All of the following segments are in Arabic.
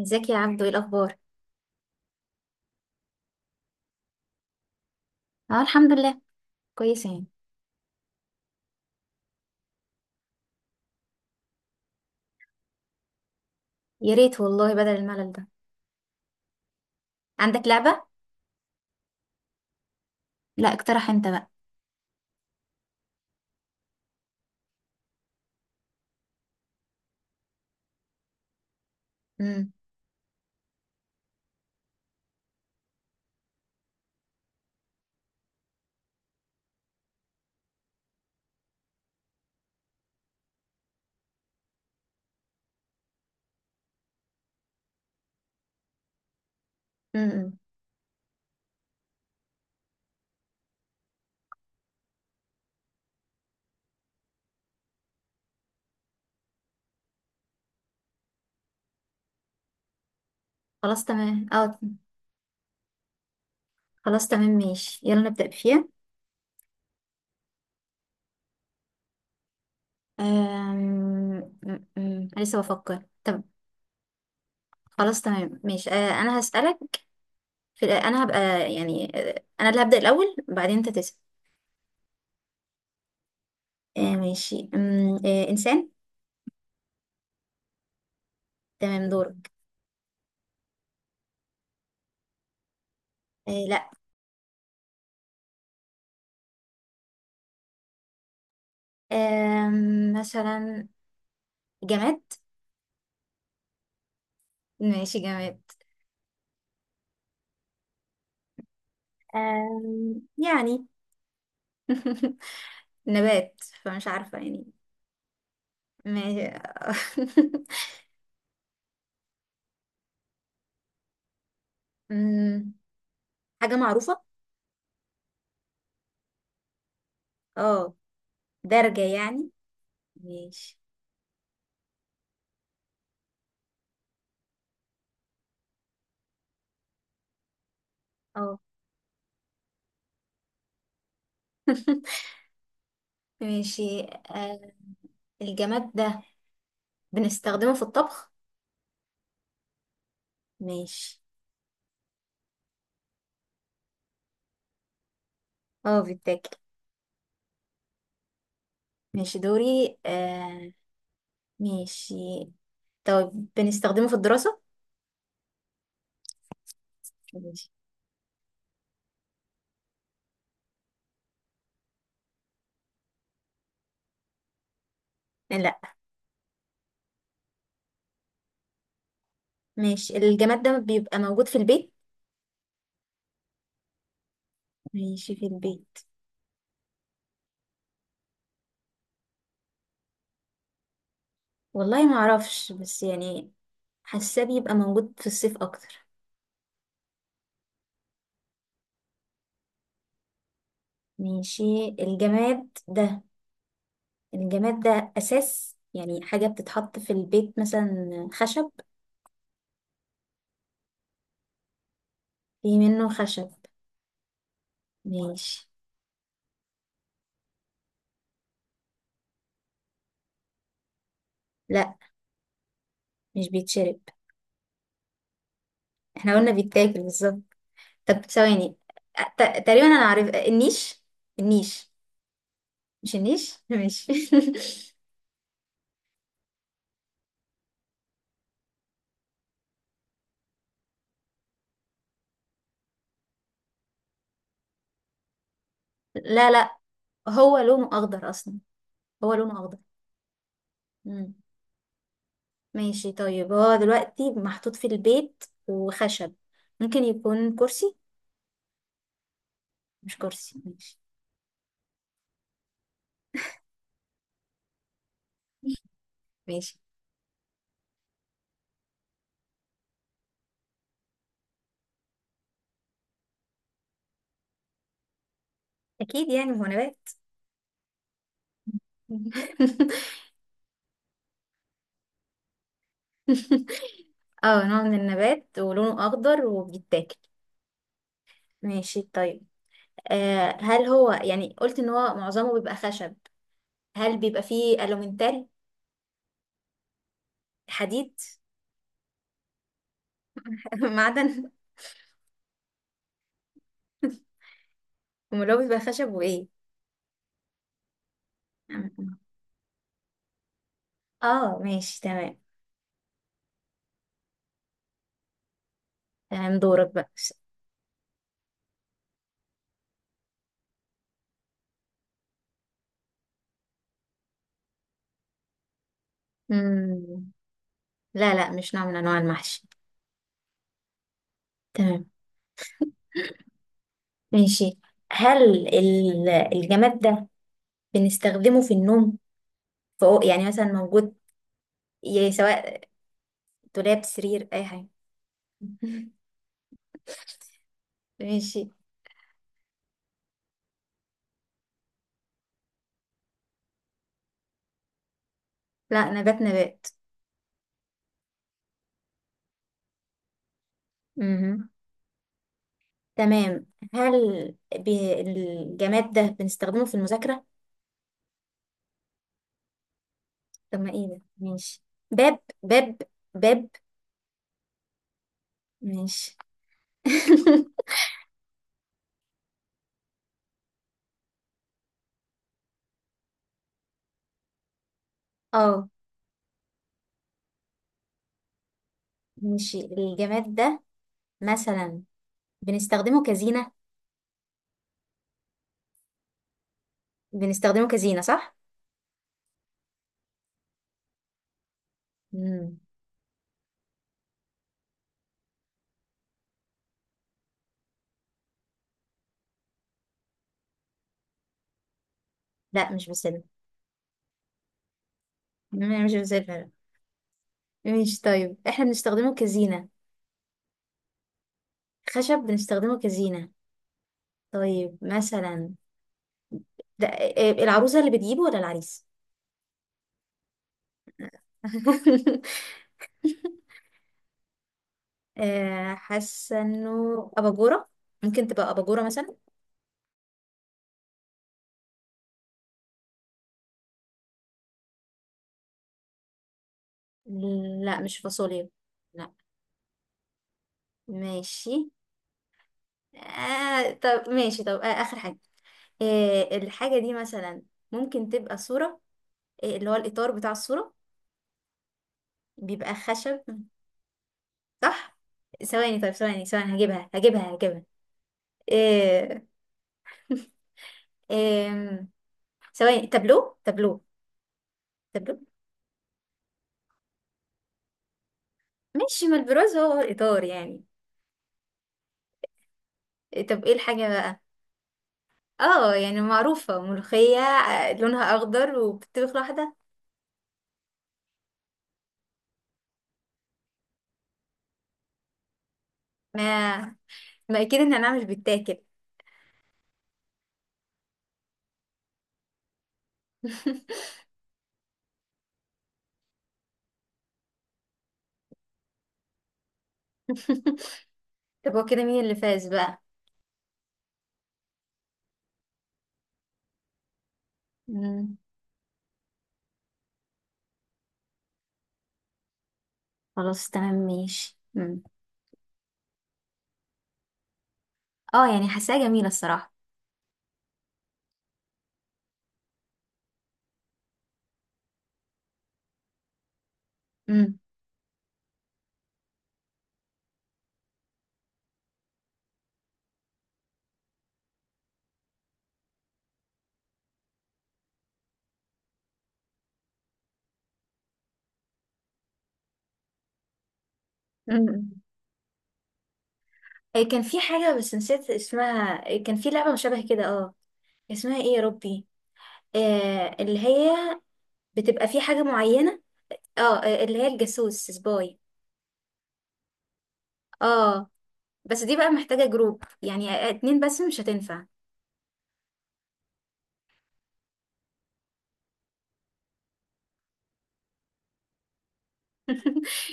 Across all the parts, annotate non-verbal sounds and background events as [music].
ازيك يا عبدو؟ ايه الاخبار؟ اه الحمد لله. كويسه يعني. يا ريت والله بدل الملل ده. عندك لعبه؟ لا اقترح انت بقى. امم امم خلاص تمام اه. خلاص تمام ماشي، يلا نبدا فيها. أم... أم، أم، لسه بفكر. طب خلاص تمام ماشي. آه انا هسالك. انا هبقى يعني، انا اللي هبدا الاول بعدين انت تسال. آه ماشي. أم... آه انسان؟ تمام دورك. آه لا. مثلا جماد. ماشي جماد. آم، يعني [laughs] نبات، فمش عارفة يعني. ما- [laughs] أمم، حاجة معروفة. اه درجة يعني. ماشي. اه [laughs] ماشي. آه، الجماد ده بنستخدمه في الطبخ؟ ماشي. اه بيتاكل. ماشي دوري. آه ماشي، طيب بنستخدمه في الدراسة؟ ماشي. لا ماشي. الجماد ده بيبقى موجود في البيت؟ ماشي في البيت. والله ما اعرفش بس يعني حاساه بيبقى موجود في الصيف اكتر. ماشي الجماد ده. الجماد ده أساس يعني حاجة بتتحط في البيت، مثلا خشب. في منه خشب. ماشي. لا مش بيتشرب. احنا قلنا بيتاكل بالظبط. طب ثواني. تقريبا أنا عارف. النيش. النيش. مش النيش [laughs] ماشي [laughs] لا لا، هو لونه أخضر أصلا، هو لونه أخضر. مم. ماشي طيب، هو دلوقتي محطوط في البيت وخشب، ممكن يكون كرسي؟ مش كرسي ماشي. ماشي اكيد يعني هو نبات. [laughs] اه نوع من النبات ولونه اخضر وبيتاكل. ماشي طيب. آه هل هو يعني، قلت ان هو معظمه بيبقى خشب، هل بيبقى فيه الومنتال؟ حديد؟ [laughs] معدن؟ امال هو بيبقى خشب وايه؟ [laughs] اه ماشي تمام. تمام دورك بقى. مم. لا لا مش نوع من انواع المحشي. تمام ماشي. الجماد ده بنستخدمه في النوم؟ فوق يعني مثلا موجود، سواء دولاب، سرير، اي حاجه؟ [laughs] ماشي. لا نبات نبات. مهم. تمام. الجماد ده بنستخدمه في المذاكره؟ طب ما ايه ده، ماشي. باب، باب، باب. ماشي [laughs] اه ماشي، الجماد ده مثلا بنستخدمه كزينه؟ بنستخدمه كزينه صح؟ مم. لا مش بسلة. مم، مش بسلة. ماشي طيب، احنا بنستخدمه كزينه، خشب بنستخدمه كزينه، طيب مثلا ده العروسة اللي بتجيبه ولا العريس؟ [laughs] آه، حاسة انه أباجورة، ممكن تبقى أباجورة مثلا. لا مش فاصوليا. لا. ماشي. آه طب ماشي، طب آه آخر حاجة. آه الحاجة دي مثلا ممكن تبقى صورة، آه اللي هو الإطار بتاع الصورة، بيبقى خشب صح؟ ثواني، طيب ثواني ثواني، هجيبها. آه آه ثواني، تابلو. تابلو. ماشي، ما البرواز هو الإطار يعني. طب ايه الحاجة بقى؟ اه يعني معروفة ملوخية، آه، لونها اخضر وبتطبخ لوحدها. ما ما اكيد ان انا مش بتاكل. [laughs] طب هو كده مين اللي فاز بقى؟ مم. خلاص تمام ماشي. مم. اه يعني حاساها جميلة الصراحة. مم. مم. إيه كان في حاجة بس نسيت اسمها، إيه كان في لعبة مشابهة كده اه، اسمها ايه يا ربي؟ آه اللي هي بتبقى في حاجة معينة، اه آه، اللي هي الجاسوس، سباي. اه بس دي بقى محتاجة جروب، يعني اتنين بس مش هتنفع. [laughs]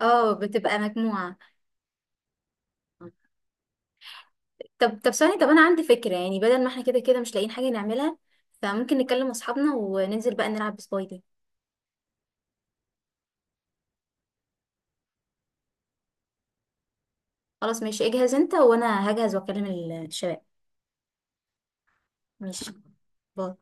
اه بتبقى مجموعة. طب طب ثانية، طب أنا عندي فكرة، يعني بدل ما احنا كده كده مش لاقيين حاجة نعملها، فممكن نكلم أصحابنا وننزل بقى نلعب بسبايدي. خلاص ماشي، اجهز انت وأنا هجهز وأكلم الشباب. ماشي باي.